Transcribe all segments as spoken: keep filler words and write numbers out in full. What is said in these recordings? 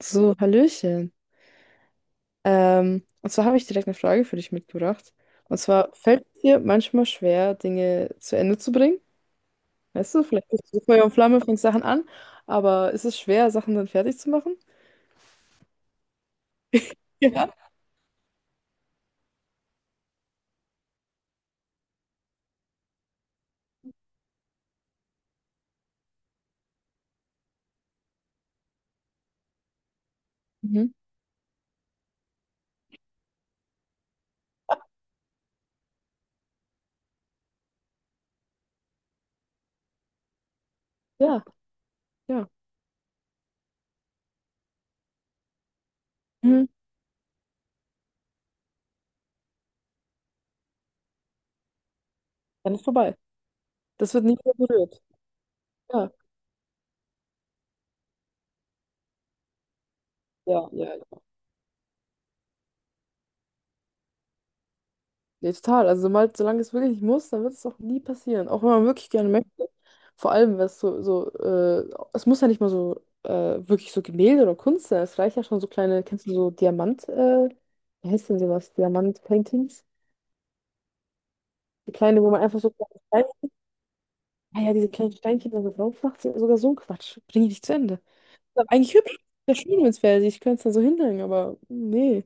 So, Hallöchen. Ähm, und zwar habe ich direkt eine Frage für dich mitgebracht. Und zwar, fällt es dir manchmal schwer, Dinge zu Ende zu bringen? Weißt du, vielleicht bist du Feuer und Flamme, fängst Sachen an, aber ist es schwer, Sachen dann fertig zu machen? Ja. Mhm. Ja, ja. Mhm. Dann ist vorbei. Das wird nie wieder berührt. Ja, ja, ja. Nee, total. Also mal, solange es wirklich nicht muss, dann wird es auch nie passieren. Auch wenn man wirklich gerne möchte. Vor allem, wenn es so, so äh, es muss ja nicht mal so äh, wirklich so Gemälde oder Kunst sein. Es reicht ja schon so kleine, kennst du so Diamant, äh, wie heißt denn sowas? Diamant-Paintings? Die kleine, wo man einfach so kleine Stein, ah ja, diese kleinen Steinchen da so drauf macht, sind sogar so ein Quatsch. Bring ich nicht zu Ende. Ist aber eigentlich hübsch. Sehr schön, wenn es wäre. Ich könnte es dann so hinhängen, aber nee.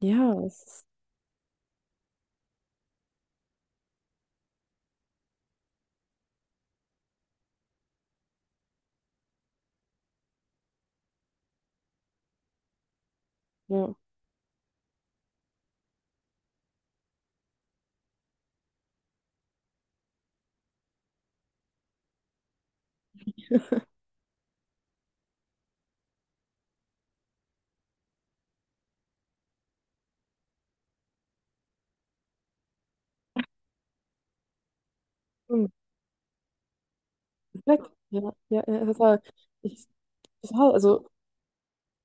Ja, es ist, ja. Hm, Perfekt. Ja, ja, ja, total. Ich, total. Also.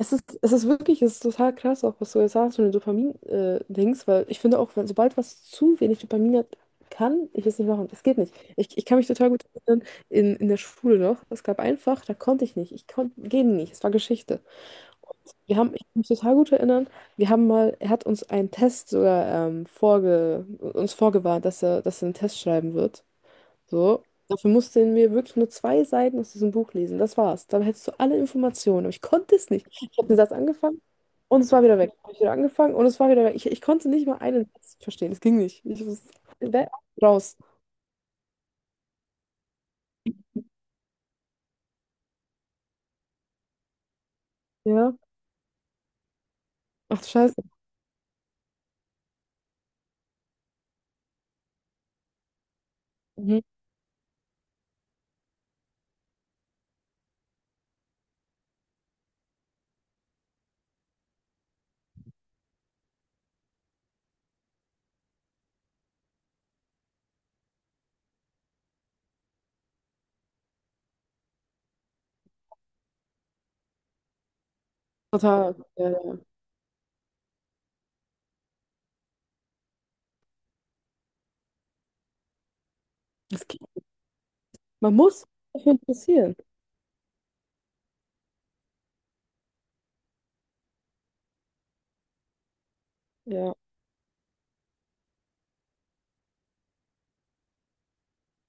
Es ist, es ist wirklich, es ist total krass, auch was du jetzt sagst, wenn den Dopamin-Dings, weil ich finde auch, wenn, sobald was zu wenig Dopamin hat, kann ich es nicht machen. Es geht nicht. Ich, ich kann mich total gut erinnern, in, in der Schule noch, es gab ein Fach, da konnte ich nicht. Ich konnte, ging nicht. Es war Geschichte. Und wir haben, ich kann mich total gut erinnern, wir haben mal, er hat uns einen Test sogar ähm, vorge, uns vorgewarnt, dass er, dass er einen Test schreiben wird. So. Dafür mussten wir wirklich nur zwei Seiten aus diesem Buch lesen. Das war's. Dann hättest du alle Informationen. Aber ich konnte es nicht. Ich habe den Satz angefangen und es war wieder weg. Hab ich wieder angefangen und es war wieder weg. Ich, ich konnte nicht mal einen Satz verstehen. Es ging nicht. Ich muss we- raus. Ja. Ach du Scheiße. Mhm. Total. Ja, ja. Es geht. Man muss sich dafür interessieren. Ja.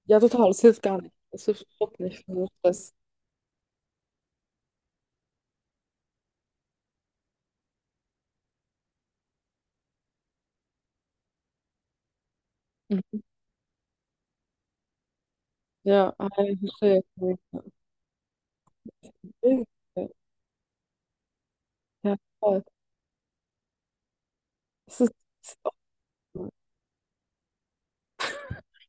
Ja, total. Es hilft gar nicht. Es hilft überhaupt nicht für den Stress. Mhm. Ja, ah, ich verstehe. Ja, ja, total. Es ist.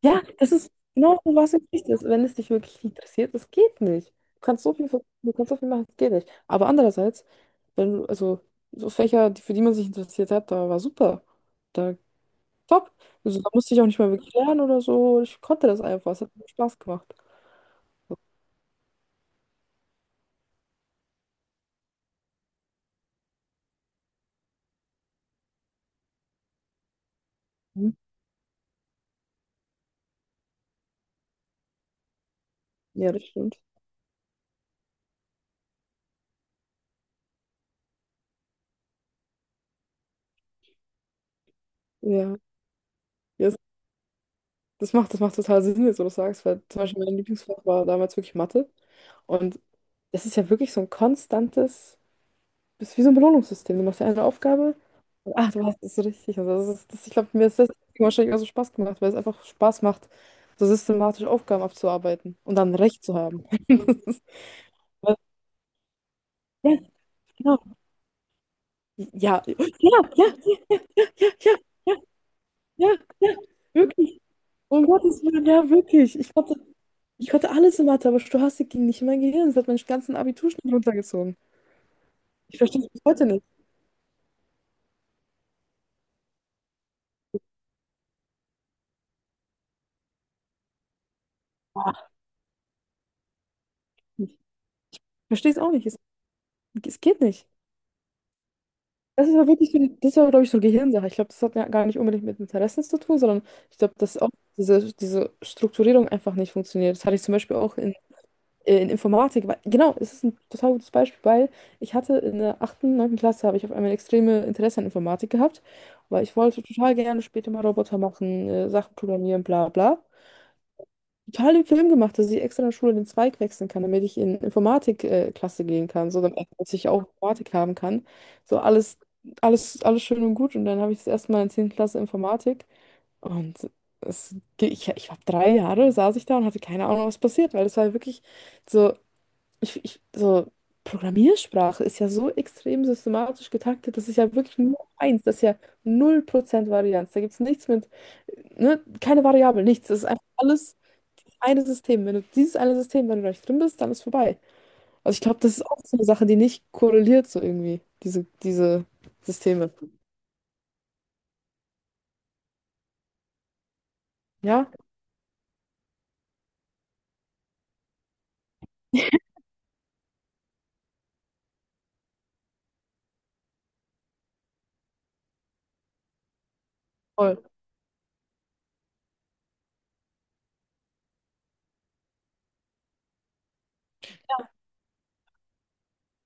Ja, das ist genau so, was du ist. Wenn es dich wirklich interessiert, das geht nicht. Du kannst so viel, ver- du kannst so viel machen, das geht nicht. Aber andererseits, wenn du, also so Fächer, die, für die man sich interessiert hat, da war super. Da top. Also da musste ich auch nicht mal wirklich lernen oder so. Ich konnte das einfach. Es hat mir Spaß gemacht. Mhm. Ja, das stimmt. Ja. Ja, das das macht, das macht total Sinn, jetzt, wo du sagst, weil zum Beispiel mein Lieblingsfach war damals wirklich Mathe. Und das ist ja wirklich so ein konstantes. Das ist wie so ein Belohnungssystem. Du machst ja eine Aufgabe und ach, du hast es richtig. Also das ist, das, ich glaube, mir ist das wahrscheinlich auch so Spaß gemacht, weil es einfach Spaß macht, so systematisch Aufgaben abzuarbeiten und dann Recht zu haben. Ja, genau. Ja, ja, ja, ja, ja, ja, ja, ja, wirklich. Um Gottes Willen, ja, wirklich. Ich konnte, ich konnte alles in Mathe, aber Stochastik ging nicht in mein Gehirn. Das hat meinen ganzen Abiturschnitt runtergezogen. Ich verstehe es bis heute nicht. Ich verstehe es auch nicht. Es, es geht nicht. Das ist aber wirklich so, ein- das war, glaube ich, so eine Gehirnsache. Ich glaube, das hat ja gar nicht unbedingt mit Interessen zu tun, sondern ich glaube, dass auch diese, diese Strukturierung einfach nicht funktioniert. Das hatte ich zum Beispiel auch in, äh, in Informatik. Weil, genau, es ist ein total gutes Beispiel, weil ich hatte in der achten, neunten Klasse habe ich auf einmal extreme Interesse an Informatik gehabt, weil ich wollte total gerne später mal Roboter machen, äh, Sachen programmieren, bla bla total den Film gemacht, dass ich extra in der Schule den Zweig wechseln kann, damit ich in Informatikklasse äh, Klasse gehen kann, so damit ich auch Informatik haben kann. So alles, alles, alles schön und gut. Und dann habe ich das erste Mal in zehnten. Klasse Informatik. Und es, ge- ich, ich habe drei Jahre, saß ich da und hatte keine Ahnung, was passiert, weil das war wirklich so, ich, ich, so Programmiersprache ist ja so extrem systematisch getaktet, das ist ja wirklich nur eins, das ist ja null Prozent Varianz. Da gibt es nichts mit ne, keine Variable, nichts. Es ist einfach alles dieses eine System. Wenn du dieses eine System, wenn du da nicht drin bist, dann ist vorbei. Also ich glaube, das ist auch so eine Sache, die nicht korreliert so irgendwie, diese, diese Systeme. Ja, voll.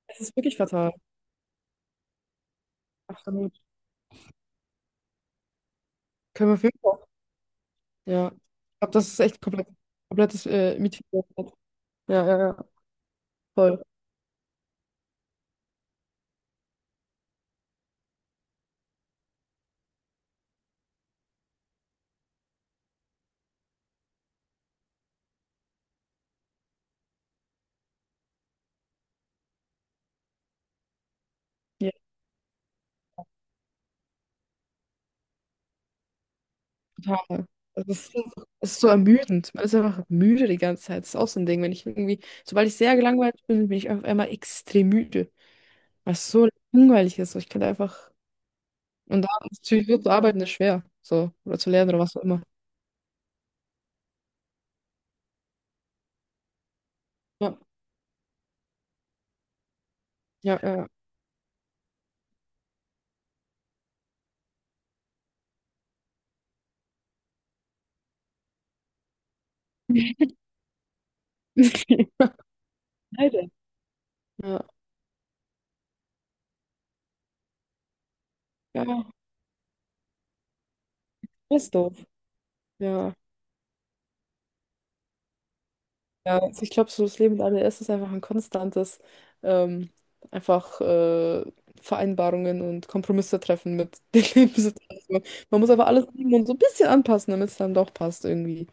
Es ist wirklich fatal. Absolut. Können wir auf jeden Fall. Ja. Ich glaube, das ist echt komplett, komplettes äh, Mythos. Ja, ja, ja. Voll. Ja, total. Also es ist, es ist so ermüdend. Man ist einfach müde die ganze Zeit. Das ist auch so ein Ding. Wenn ich irgendwie, sobald ich sehr gelangweilt bin, bin ich auf einmal extrem müde. Was so langweilig ist. So, ich könnte einfach. Und da natürlich wird zu arbeiten ist schwer. So, oder zu lernen oder was auch immer. Ja, ja, ja. Leider. Ja, ja, das ist doof. Ja, ja. Also ich glaube, so das Leben mit A D S ist einfach ein konstantes, ähm, einfach äh, Vereinbarungen und Kompromisse treffen mit den Lebenssituationen. Man muss aber alles nehmen so ein bisschen anpassen, damit es dann doch passt irgendwie.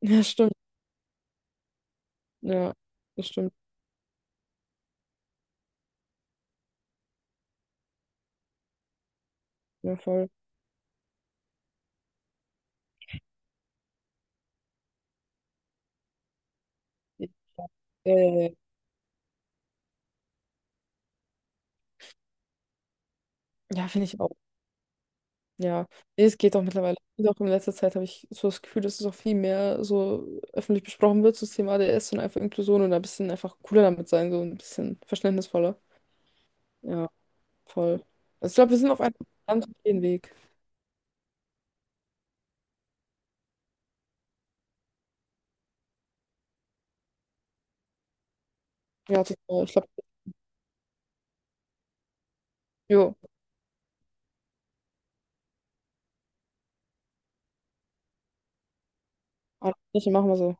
Ja, stimmt. Ja, das stimmt. Ja, voll. Äh, ja, ja. Ja, finde ich auch. Ja, nee, es geht auch mittlerweile. Und auch in letzter Zeit habe ich so das Gefühl, dass es auch viel mehr so öffentlich besprochen wird, so das Thema A D S und einfach Inklusion und ein bisschen einfach cooler damit sein, so ein bisschen verständnisvoller. Ja, voll. Also ich glaube, wir sind auf einem ganz guten Weg. Ja, total. Ich glaube, jo, alles Gute, machen wir so.